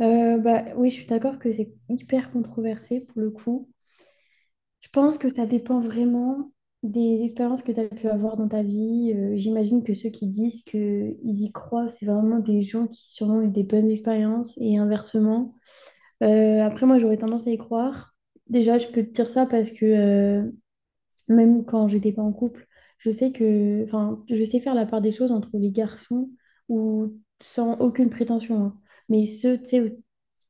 Oui, je suis d'accord que c'est hyper controversé pour le coup. Je pense que ça dépend vraiment des expériences que tu as pu avoir dans ta vie. J'imagine que ceux qui disent qu'ils y croient, c'est vraiment des gens qui sûrement ont eu des bonnes expériences et inversement. Après, moi, j'aurais tendance à y croire. Déjà, je peux te dire ça parce que même quand j'étais pas en couple, je sais que, enfin, je sais faire la part des choses entre les garçons ou sans aucune prétention, hein. Mais ceux, tu sais,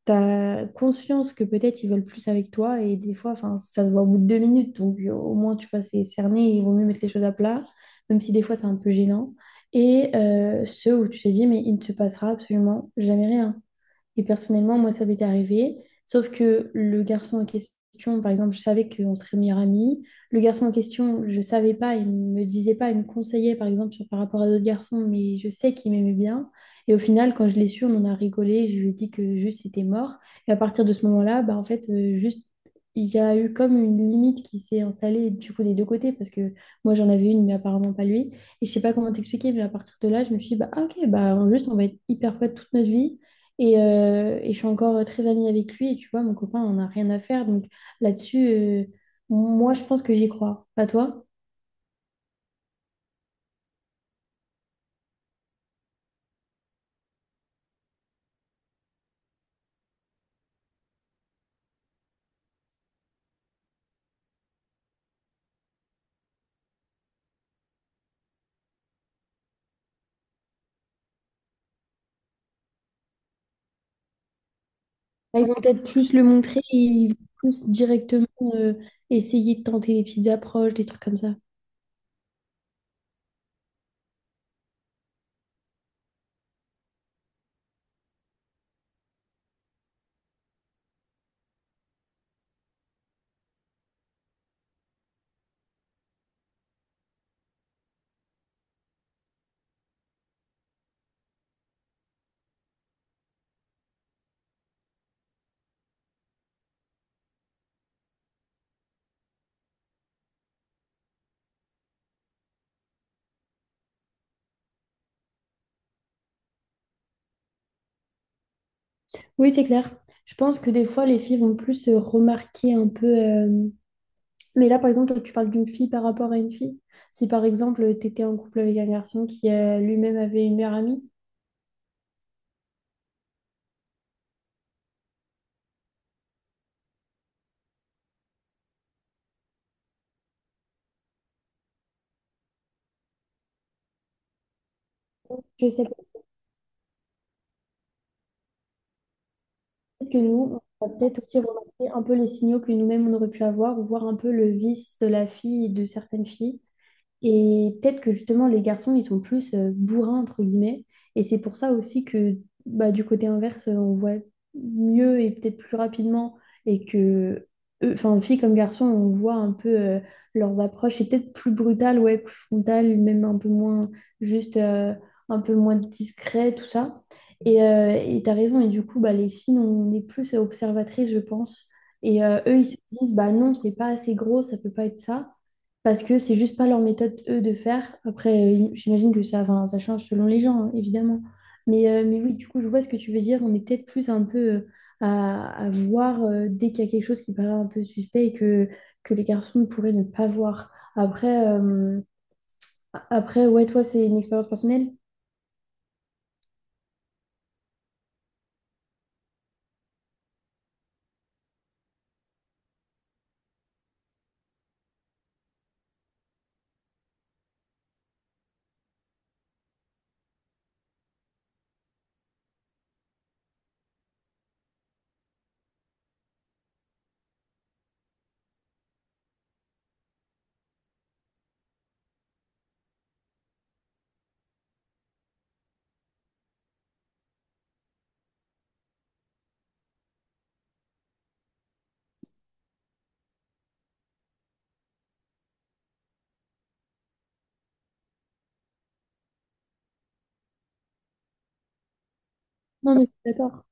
t'as conscience que peut-être ils veulent plus avec toi et des fois, enfin, ça se voit au bout de deux minutes, donc au moins tu vois, c'est cerné, et il vaut mieux mettre les choses à plat, même si des fois c'est un peu gênant. Et ceux où tu te dis, mais il ne se passera absolument jamais rien. Et personnellement, moi, ça m'était arrivé. Sauf que le garçon en question, par exemple, je savais qu'on serait meilleurs amis. Le garçon en question, je savais pas, il me disait pas, il me conseillait, par exemple, par rapport à d'autres garçons, mais je sais qu'il m'aimait bien. Et au final, quand je l'ai su, on en a rigolé. Je lui ai dit que juste c'était mort. Et à partir de ce moment-là, bah, en fait, juste, il y a eu comme une limite qui s'est installée du coup des deux côtés, parce que moi, j'en avais une, mais apparemment pas lui. Et je sais pas comment t'expliquer, mais à partir de là, je me suis dit, bah, ah, ok, bah, juste, on va être hyper potes toute notre vie. Et je suis encore très amie avec lui. Et tu vois, mon copain, on n'a rien à faire. Donc là-dessus, moi, je pense que j'y crois. Pas toi? Ils vont peut-être plus le montrer et ils vont plus directement euh, essayer de tenter des petites approches, des trucs comme ça. Oui, c'est clair. Je pense que des fois, les filles vont plus remarquer un peu. Mais là, par exemple, toi, tu parles d'une fille par rapport à une fille. Si par exemple, tu étais en couple avec un garçon qui lui-même avait une meilleure amie, je sais pas. Peut-être que nous, on va peut-être aussi remarquer un peu les signaux que nous-mêmes on aurait pu avoir, ou voir un peu le vice de la fille et de certaines filles. Et peut-être que justement, les garçons, ils sont plus bourrins, entre guillemets. Et c'est pour ça aussi que bah, du côté inverse, on voit mieux et peut-être plus rapidement. Et que, enfin, filles comme garçons, on voit un peu leurs approches. Et peut-être plus brutales, ouais, plus frontales, même un peu moins, juste un peu moins discret, tout ça. Et t'as raison. Et du coup, bah, les filles, on est plus observatrices, je pense. Et eux, ils se disent, bah non, c'est pas assez gros, ça peut pas être ça parce que c'est juste pas leur méthode, eux, de faire. Après, j'imagine que ça, enfin, ça change selon les gens, hein, évidemment. Mais oui, du coup, je vois ce que tu veux dire. On est peut-être plus un peu à voir dès qu'il y a quelque chose qui paraît un peu suspect et que les garçons pourraient ne pas voir. Après, ouais, toi, c'est une expérience personnelle? Non, mais je suis d'accord.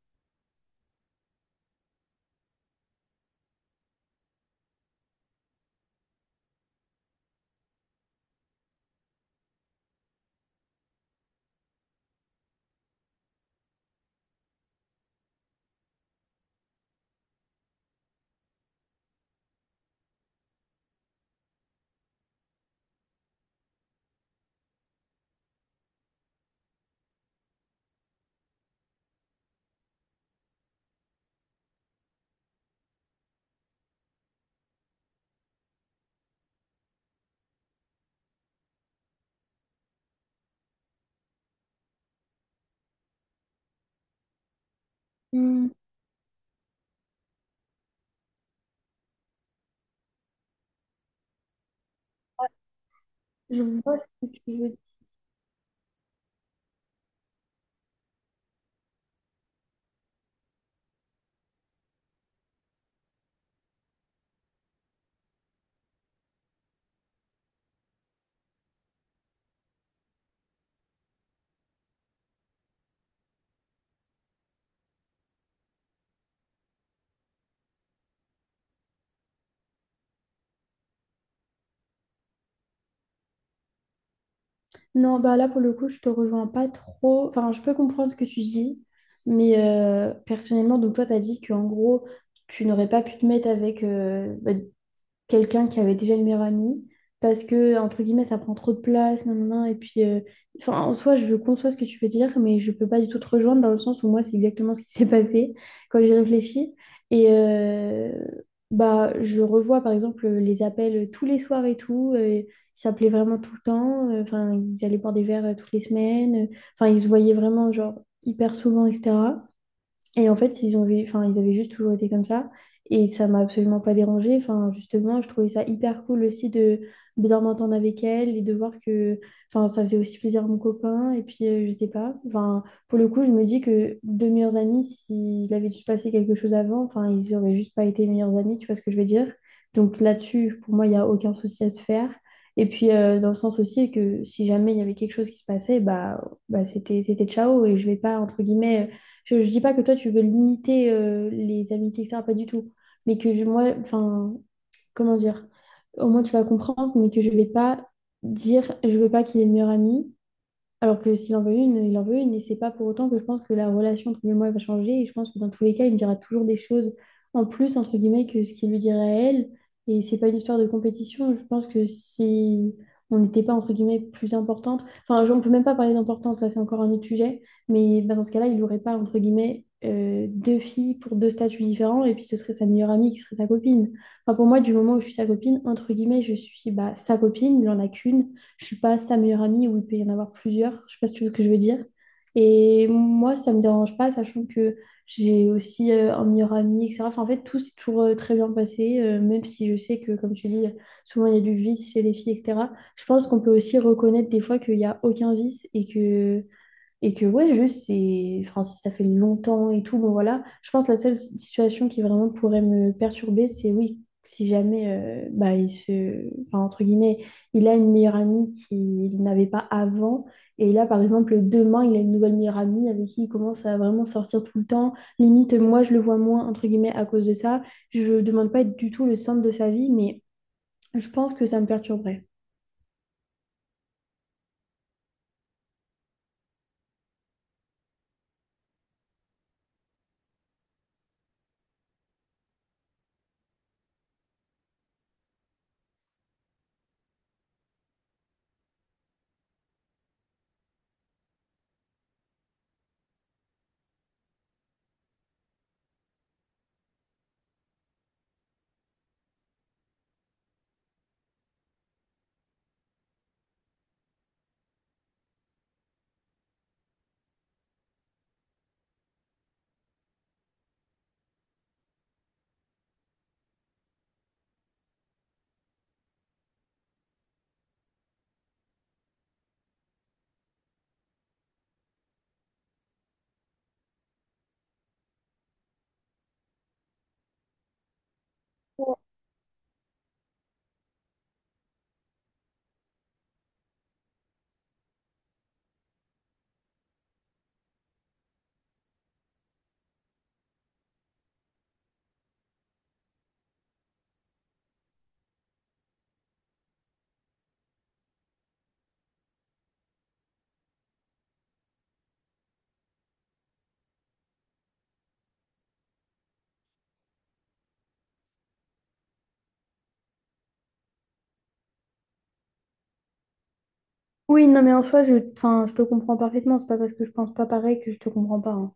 Hmm, je vois ce que tu veux dire. Non, bah là, pour le coup, je te rejoins pas trop. Enfin, je peux comprendre ce que tu dis, mais personnellement, donc toi, tu as dit qu'en gros, tu n'aurais pas pu te mettre avec, bah, quelqu'un qui avait déjà une meilleure amie parce que, entre guillemets, ça prend trop de place, nan, nan, nan, et puis, enfin, en soi, je conçois ce que tu veux dire, mais je peux pas du tout te rejoindre dans le sens où moi, c'est exactement ce qui s'est passé quand j'ai réfléchi. Et bah, je revois, par exemple, les appels tous les soirs et tout. Ils s'appelaient vraiment tout le temps. Enfin, ils allaient boire des verres toutes les semaines. Enfin, ils se voyaient vraiment, genre, hyper souvent, etc. Et en fait, ils ont vu, enfin, ils avaient juste toujours été comme ça. Et ça m'a absolument pas dérangée. Enfin, justement, je trouvais ça hyper cool aussi de bien m'entendre avec elle et de voir que, enfin, ça faisait aussi plaisir à mon copain. Et puis, je sais pas. Enfin, pour le coup, je me dis que deux meilleurs amis, s'il avait juste passé quelque chose avant, enfin, ils auraient juste pas été meilleurs amis. Tu vois ce que je veux dire? Donc là-dessus, pour moi, il y a aucun souci à se faire. Et puis, dans le sens aussi que si jamais il y avait quelque chose qui se passait, bah, c'était ciao. Et je vais pas, entre guillemets, je ne dis pas que toi, tu veux limiter les amitiés, etc. Pas du tout. Mais que moi, enfin, comment dire? Au moins, tu vas comprendre, mais que je vais pas dire, je veux pas qu'il ait le meilleur ami. Alors que s'il en veut une, il en veut une. Et c'est pas pour autant que je pense que la relation entre lui et moi va changer. Et je pense que dans tous les cas, il me dira toujours des choses en plus, entre guillemets, que ce qu'il lui dirait à elle. Et c'est pas une histoire de compétition. Je pense que si on n'était pas, entre guillemets, plus importante, enfin, on peut même pas parler d'importance, là, c'est encore un autre sujet. Mais bah, dans ce cas-là, il n'aurait pas, entre guillemets, deux filles pour deux statuts différents. Et puis ce serait sa meilleure amie qui serait sa copine. Enfin, pour moi, du moment où je suis sa copine, entre guillemets, je suis bah, sa copine, il en a qu'une. Je suis pas sa meilleure amie où il peut y en avoir plusieurs. Je sais pas si tu vois ce que je veux dire. Et moi, ça me dérange pas, sachant que j'ai aussi un meilleur ami, etc. Enfin, en fait, tout s'est toujours très bien passé, même si je sais que, comme tu dis, souvent il y a du vice chez les filles, etc. Je pense qu'on peut aussi reconnaître des fois qu'il n'y a aucun vice et que ouais, juste, c'est... Enfin, si ça fait longtemps et tout, bon voilà. Je pense que la seule situation qui vraiment pourrait me perturber, c'est oui, si jamais, bah, il se... Enfin, entre guillemets, il a une meilleure amie qu'il n'avait pas avant. Et là, par exemple, demain, il a une nouvelle meilleure amie avec qui il commence à vraiment sortir tout le temps. Limite, moi, je le vois moins, entre guillemets, à cause de ça. Je demande pas être du tout le centre de sa vie, mais je pense que ça me perturberait. Oui, non, mais en soi, je, enfin, je te comprends parfaitement. C'est pas parce que je pense pas pareil que je te comprends pas, hein.